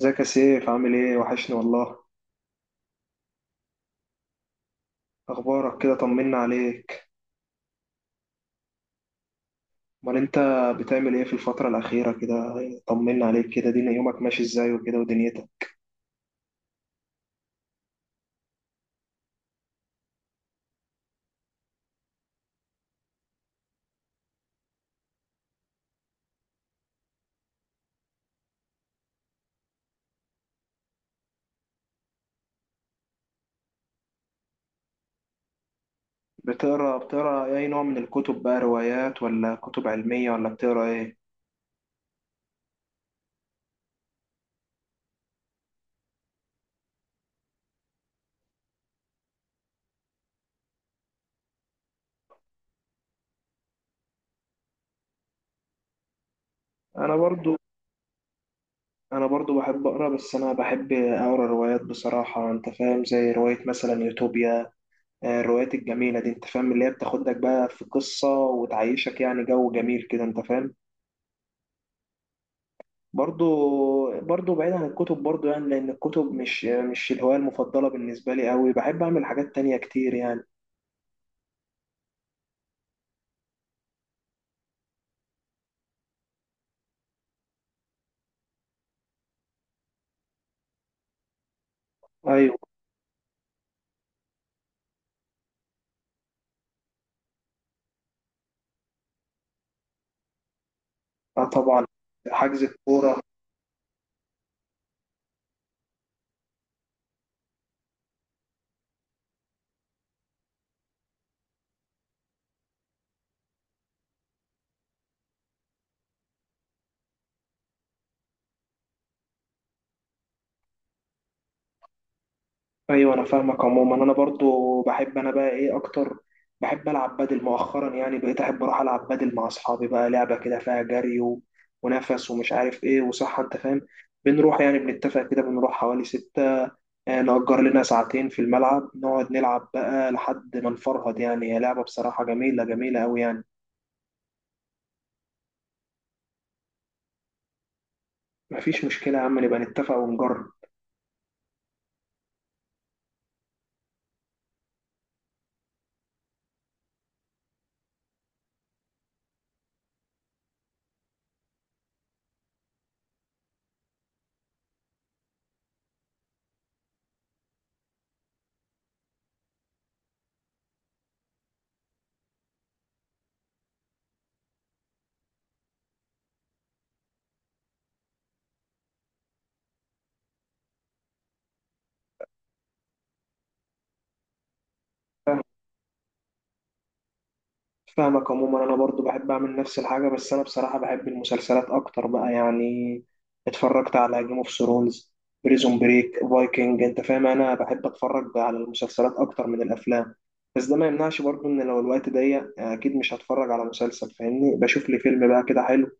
ازيك يا سيف؟ عامل ايه؟ وحشني والله. اخبارك كده؟ طمنا عليك. امال انت بتعمل ايه في الفترة الأخيرة كده؟ طمنا عليك كده، دينا يومك ماشي ازاي وكده ودنيتك. بتقرا اي نوع من الكتب بقى؟ روايات ولا كتب علمية ولا بتقرا ايه؟ انا برضو انا برضو بحب اقرا، بس انا بحب اقرا روايات بصراحة. انت فاهم؟ زي رواية مثلا يوتوبيا. الروايات الجميلة دي انت فاهم، اللي هي بتاخدك بقى في قصة وتعيشك يعني جو جميل كده. انت فاهم؟ برضو بعيد عن الكتب، برضو يعني لأن الكتب مش الهواية المفضلة بالنسبة لي أوي. بحب أعمل حاجات تانية كتير يعني. أيوة. آه، طبعا. حجز الكورة. ايوه انا فاهمك. عموما انا برضو بحب، انا بقى ايه اكتر؟ بحب العب بدل مؤخرا، يعني بقيت احب اروح العب بدل مع اصحابي، بقى لعبه كده فيها جري ونفس ومش عارف ايه وصحه. انت فاهم؟ بنروح يعني، بنتفق كده بنروح حوالي 6، نأجر لنا ساعتين في الملعب، نقعد نلعب بقى لحد ما نفرهد. يعني هي لعبه بصراحه جميله جميله قوي يعني. مفيش مشكله يا عم، نبقى نتفق ونجرب. فاهمك. عموما انا برضو بحب اعمل نفس الحاجه، بس انا بصراحه بحب المسلسلات اكتر بقى يعني. اتفرجت على جيم اوف ثرونز، بريزون بريك، فايكنج. انت فاهم؟ انا بحب اتفرج بقى على المسلسلات اكتر من الافلام. بس ده ما يمنعش برضو ان لو الوقت ضيق اكيد مش هتفرج على مسلسل. فاهمني؟ بشوف لي فيلم بقى كده حلو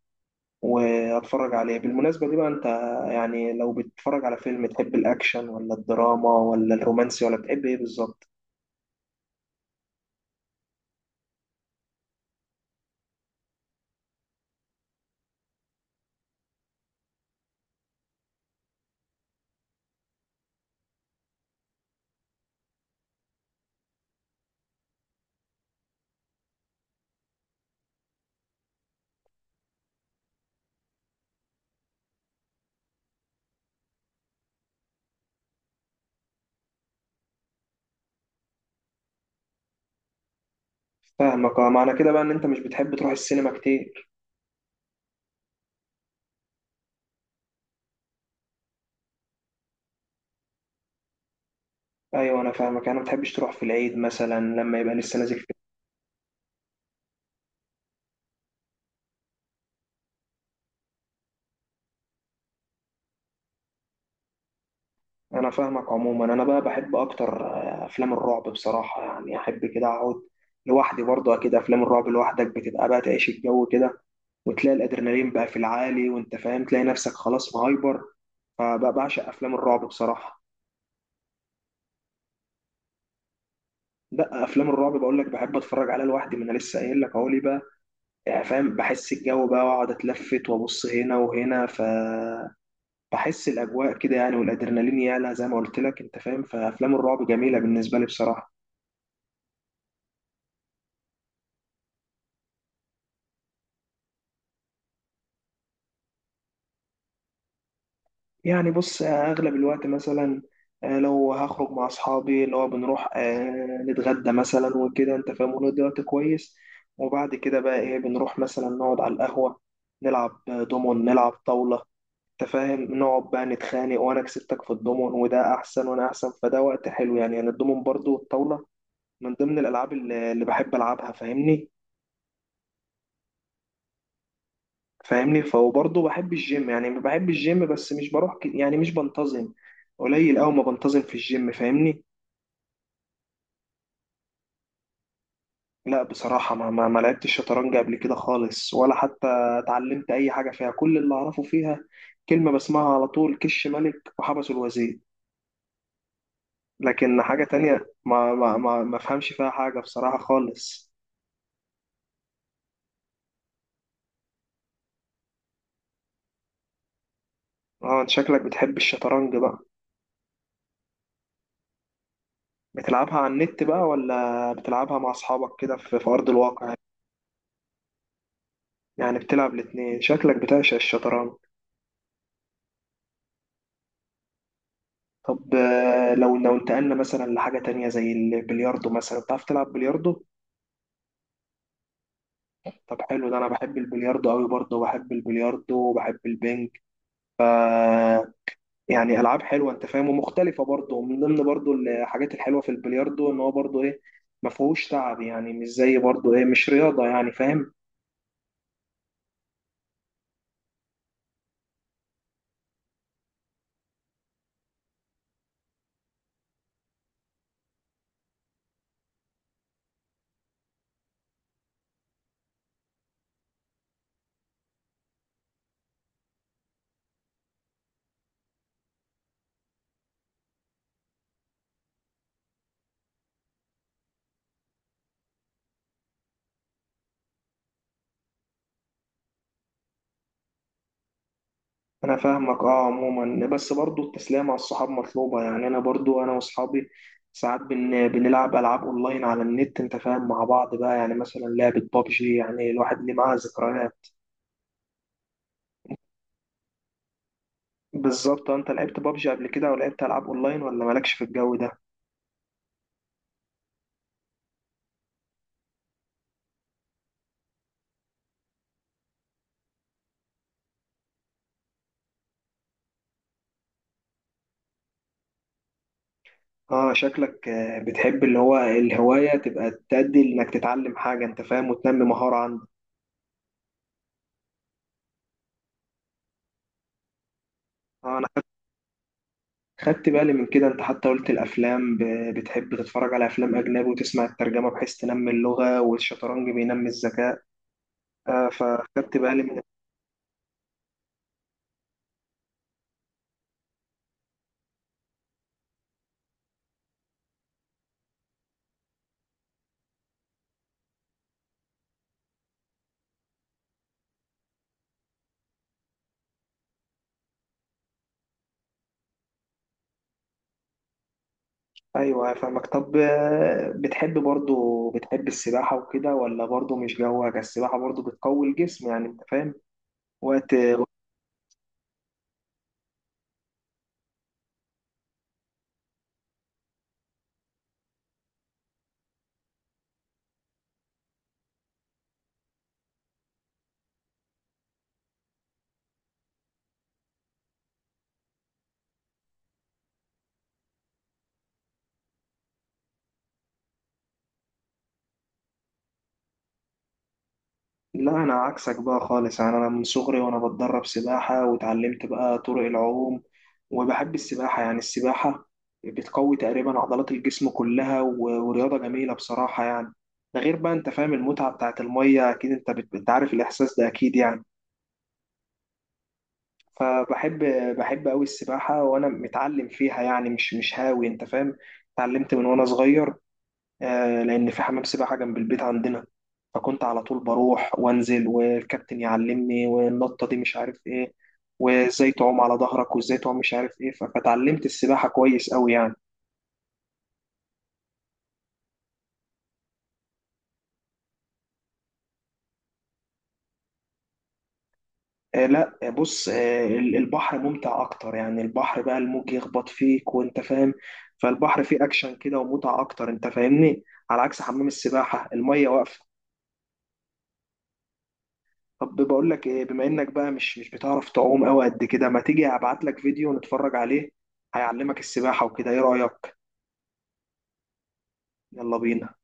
واتفرج عليه. بالمناسبه دي بقى انت، يعني لو بتتفرج على فيلم، تحب الاكشن ولا الدراما ولا الرومانسي ولا بتحب ايه بالظبط؟ فاهمك. اه، معنى كده بقى ان انت مش بتحب تروح السينما كتير؟ ايوه انا فاهمك. انا ما بتحبش تروح في العيد مثلا لما يبقى لسه نازل فيلم؟ انا فاهمك. عموما انا بقى بحب اكتر افلام الرعب بصراحه. يعني احب كده اقعد لوحدي برضه. اكيد افلام الرعب لوحدك بتبقى بقى تعيش الجو كده، وتلاقي الادرينالين بقى في العالي، وانت فاهم تلاقي نفسك خلاص مهايبر. فبقى بعشق افلام الرعب بصراحه. لا، افلام الرعب بقول لك بحب اتفرج عليها لوحدي. ما انا لسه قايل لك اهو ليه بقى. يعني فاهم؟ بحس الجو بقى، واقعد اتلفت وابص هنا وهنا. ف بحس الاجواء كده يعني، والادرينالين يعلى زي ما قلت لك. انت فاهم؟ فافلام الرعب جميله بالنسبه لي بصراحه. يعني بص، اغلب الوقت مثلا، لو هخرج مع اصحابي، اللي هو بنروح نتغدى مثلا وكده. انت فاهم؟ ونقضي وقت كويس، وبعد كده بقى ايه بنروح مثلا نقعد على القهوه، نلعب دومون، نلعب طاوله. انت فاهم؟ نقعد بقى نتخانق، وانا كسبتك في الدومون وده احسن وانا احسن. فده وقت حلو يعني. يعني الدومون برضو والطاوله من ضمن الالعاب اللي بحب العبها. فاهمني؟ فاهمني؟ فهو برضه بحب الجيم. يعني بحب الجيم بس مش بروح يعني مش بنتظم. قليل أوي ما بنتظم في الجيم. فاهمني؟ لا بصراحة ما لعبتش شطرنج قبل كده خالص، ولا حتى اتعلمت أي حاجة فيها. كل اللي أعرفه فيها كلمة بسمعها على طول: كش ملك وحبس الوزير. لكن حاجة تانية ما فهمش فيها حاجة بصراحة خالص. اه، انت شكلك بتحب الشطرنج بقى؟ بتلعبها على النت بقى، ولا بتلعبها مع أصحابك كده في أرض الواقع؟ يعني بتلعب الاتنين؟ شكلك بتعشق الشطرنج. طب لو انتقلنا مثلا لحاجة تانية زي البلياردو مثلا، بتعرف تلعب بلياردو؟ طب حلو. ده أنا بحب البلياردو أوي برضه، وبحب البلياردو وبحب البنج. يعني ألعاب حلوة أنت فاهم، ومختلفة برضه. ومن ضمن برضه الحاجات الحلوة في البلياردو إن هو برضه إيه، ما فيهوش تعب، يعني مش زي برضه إيه، مش رياضة يعني. فاهم؟ انا فاهمك. اه، عموما بس برضو التسلية مع الصحاب مطلوبة يعني. انا برضو انا واصحابي ساعات بنلعب العاب اونلاين على النت، انت فاهم، مع بعض بقى. يعني مثلا لعبة بابجي، يعني الواحد ليه معاها ذكريات. بالظبط. انت لعبت بابجي قبل كده، او لعبت العاب اونلاين، ولا مالكش في الجو ده؟ اه، شكلك بتحب اللي هو الهواية تبقى تأدي انك تتعلم حاجة، انت فاهم، وتنمي مهارة عندك. اه انا خدت بالي من كده. انت حتى قلت الافلام بتحب تتفرج على افلام اجنبي وتسمع الترجمه بحيث تنمي اللغه، والشطرنج بينمي الذكاء. فخدت بالي من. ايوه فاهمك. طب بتحب برضو، بتحب السباحه وكده، ولا برضو مش جوك؟ السباحه برضو بتقوي الجسم يعني. انت فاهم؟ وقت. لا، انا عكسك بقى خالص. يعني انا من صغري وانا بتدرب سباحه، واتعلمت بقى طرق العوم. وبحب السباحه. يعني السباحه بتقوي تقريبا عضلات الجسم كلها، ورياضه جميله بصراحه يعني. ده غير بقى انت فاهم المتعه بتاعت الميه. اكيد انت انت عارف الاحساس ده اكيد يعني. فبحب بحب قوي السباحه. وانا متعلم فيها يعني، مش هاوي. انت فاهم؟ اتعلمت من وانا صغير، لأن في حمام سباحة جنب البيت عندنا. فكنت على طول بروح وانزل، والكابتن يعلمني والنطة دي مش عارف ايه، وازاي تعوم على ظهرك، وازاي تعوم مش عارف ايه. فتعلمت السباحة كويس قوي يعني. لا، بص، البحر ممتع اكتر. يعني البحر بقى الموج يخبط فيك، وانت فاهم. فالبحر فيه اكشن كده ومتعة اكتر. انت فاهمني؟ على عكس حمام السباحة المية واقفة. طب بقول لك ايه، بما انك بقى مش بتعرف تعوم قوي قد كده، ما تيجي ابعت لك فيديو نتفرج عليه، هيعلمك السباحة وكده، ايه رأيك؟ يلا بينا.